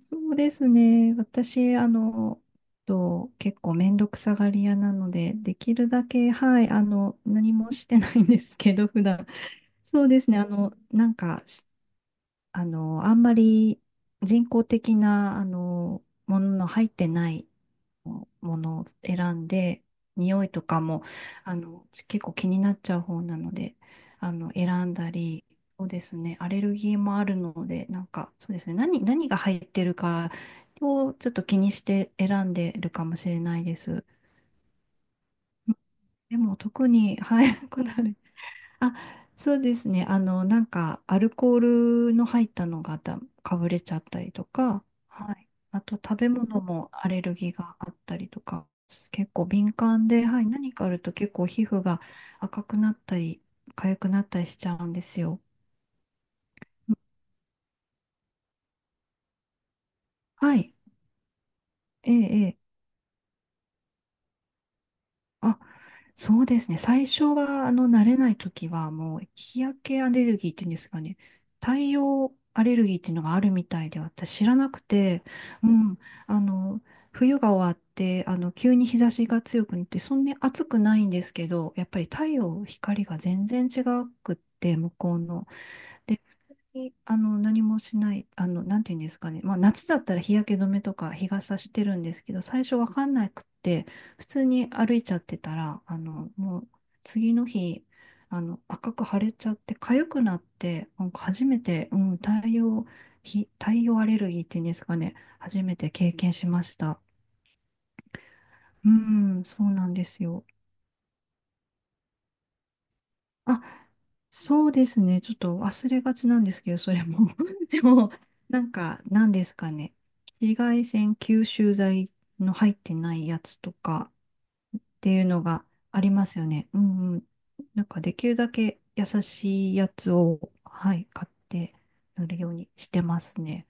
そうですね。私、結構めんどくさがり屋なので、できるだけ、はい、何もしてないんですけど、普段。そうですね。あんまり人工的な、ものの入ってないものを選んで、匂いとかも、結構気になっちゃう方なので、選んだり、そうですね、アレルギーもあるので、そうですね、何が入ってるかをちょっと気にして選んでるかもしれないです。でも、特に、はい、こだわりあ、そうですね。アルコールの入ったのがだ、かぶれちゃったりとか、はい。あと、食べ物もアレルギーがあったりとか、結構敏感で、はい、何かあると結構皮膚が赤くなったり、痒くなったりしちゃうんですよ。はい。ええ、ええ。あ、そうですね。最初は、慣れない時は、もう、日焼けアレルギーっていうんですかね。太陽アレルギーっていうのがあるみたいで、私知らなくて、うん、あの、冬が終わって、急に日差しが強くなって、そんなに暑くないんですけど、やっぱり太陽、光が全然違くって、向こうの。で、普通に、何もしない、なんていうんですかね。まあ、夏だったら日焼け止めとか日傘してるんですけど、最初わかんなくって、普通に歩いちゃってたら、もう、次の日、赤く腫れちゃって、痒くなって、なんか初めて、うん、太陽アレルギーっていうんですかね。初めて経験しました。うん、そうなんですよ。あ、そうですね。ちょっと忘れがちなんですけど、それも でも、なんですかね。紫外線吸収剤の入ってないやつとかっていうのがありますよね。うんうん。なんか、できるだけ優しいやつを、はい、買って塗るようにしてますね。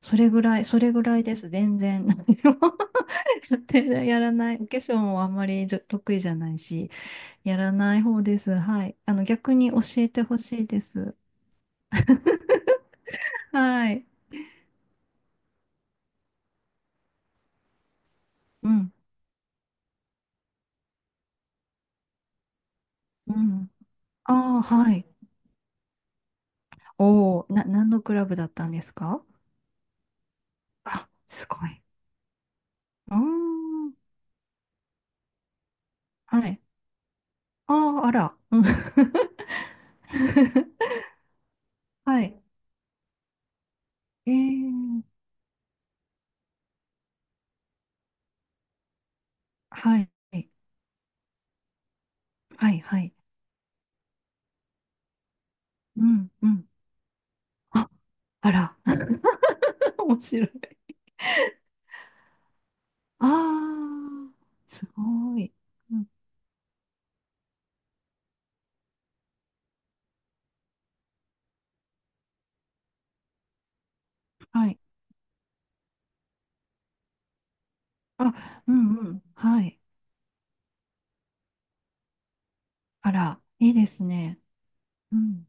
それぐらいです。全然、何も やってやらない。お化粧もあんまり得意じゃないし。やらない方です。はい。あの、逆に教えてほしいです。はい。うん。うん。ああ、はい。おお、な、何のクラブだったんですか？あ、すごい。うーん。はい。ああ、あら。うん はい。えー、はい。はい、はい。うん、うん。あ、あら。面白い。ああ、すごい。うん、はい。あ、うん、うん。はい。あら、いいですね。うん。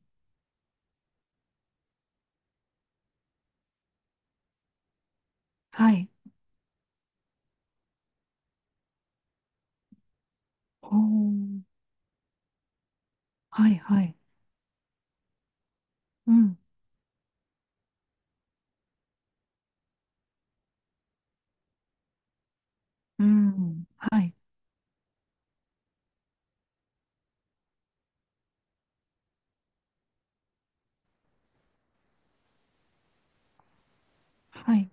はい。ほう。はいはい。うん。うん。はい。はい。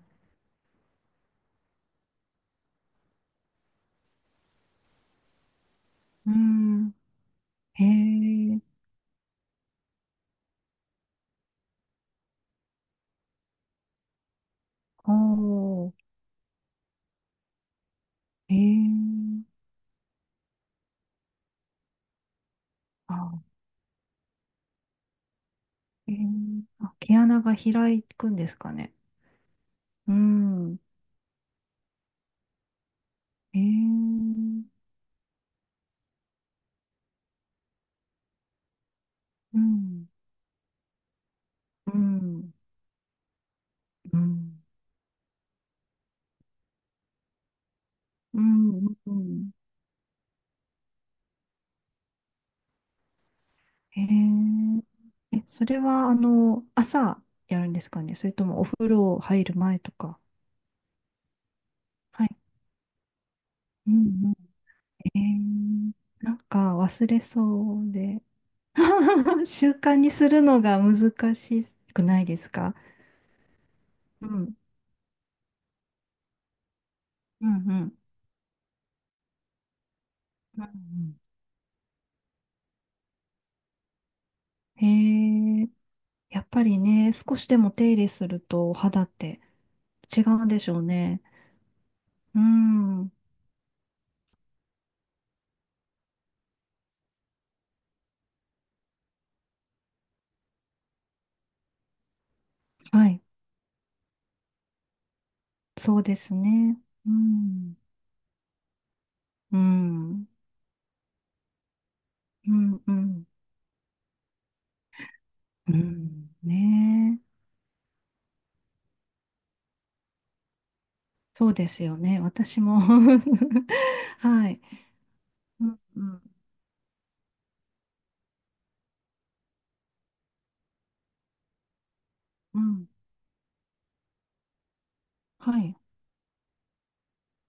うん。へえ。ほう。へえ。あ、へえ。あ、毛穴が開くんですかね？うん。へえ。うん。うん。うん。うん。うん。へえ。え、それは、あの、朝やるんですかね？それともお風呂入る前とか。はい。うんうん。へえー。なんか忘れそうで。習慣にするのが難しくないですか？うん。うんうん。うんうんへえ。やっぱりね、少しでも手入れするとお肌って違うんでしょうね。うん。はい。そうですね。うん。うん。うん。うん。うんねえ。そうですよね。私も はい。うんうんうん。はい。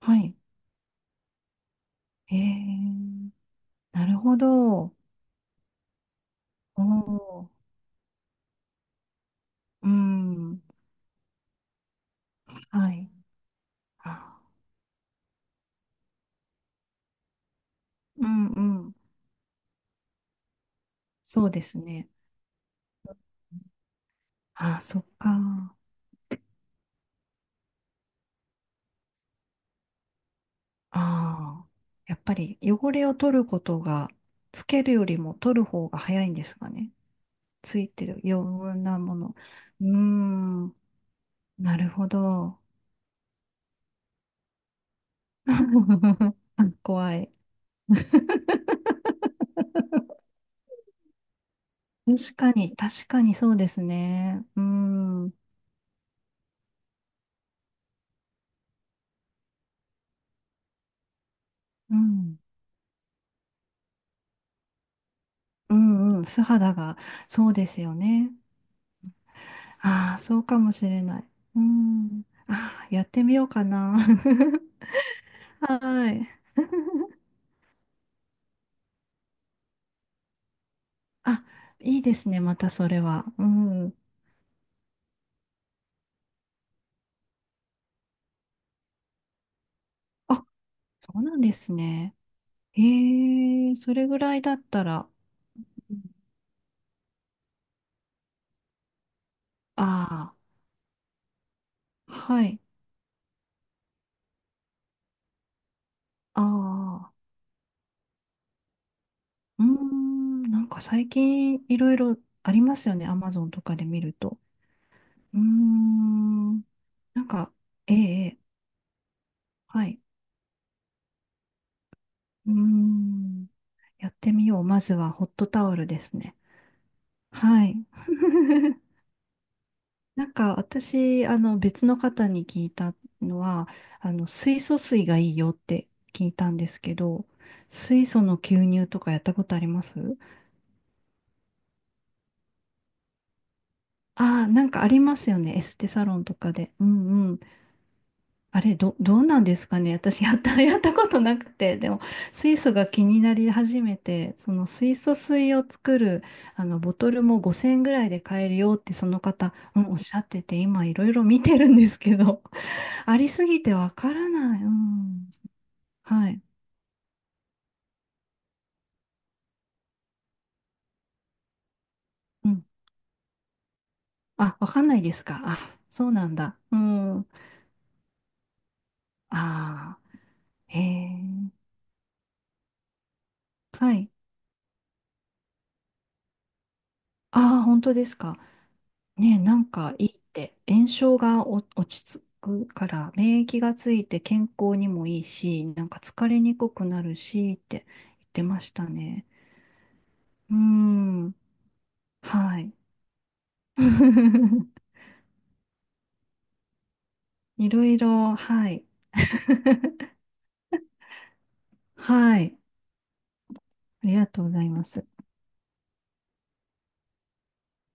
はい。へえ。なるほど。おお。うん、はい。あ、うんうん。そうですね。あ、そっか。ああ。やっぱり汚れを取ることが、つけるよりも取る方が早いんですかね？ついてる余分なもの。うーん、なるほど。怖い。確かにそうですね。うーん、うん、うん、うん、素肌が、そうですよね。ああ、そうかもしれない。うん。ああ、やってみようかな。はーい。あ、いいですね、またそれは。うん。あ、そうなんですね。へえ、それぐらいだったら。ああー、はい。ああ、うーん、なんか最近いろいろありますよね、アマゾンとかで見ると。うーん、なんか、ええ、ええはい。うーん。やってみよう。まずはホットタオルですね。はい。なんか私、あの別の方に聞いたのは、あの水素水がいいよって聞いたんですけど、水素の吸入とかやったことあります？ああー、なんかありますよね。エステサロンとかで。うんうん。あれ、どうなんですかね。私、やった、やったことなくて、でも、水素が気になり始めて、その水素水を作る、あの、ボトルも5000円ぐらいで買えるよって、その方、うん、おっしゃってて、今、いろいろ見てるんですけど、ありすぎてわからない。うん。はい。うん。あ、わかんないですか。あ、そうなんだ。うん。ああ、へえ。はい。ああ、本当ですか。ね、なんかいいって、炎症が落ち着くから、免疫がついて健康にもいいし、なんか疲れにくくなるしって言ってましたね。うーん、はい。いろいろ、はい。はい。ありがとうございます。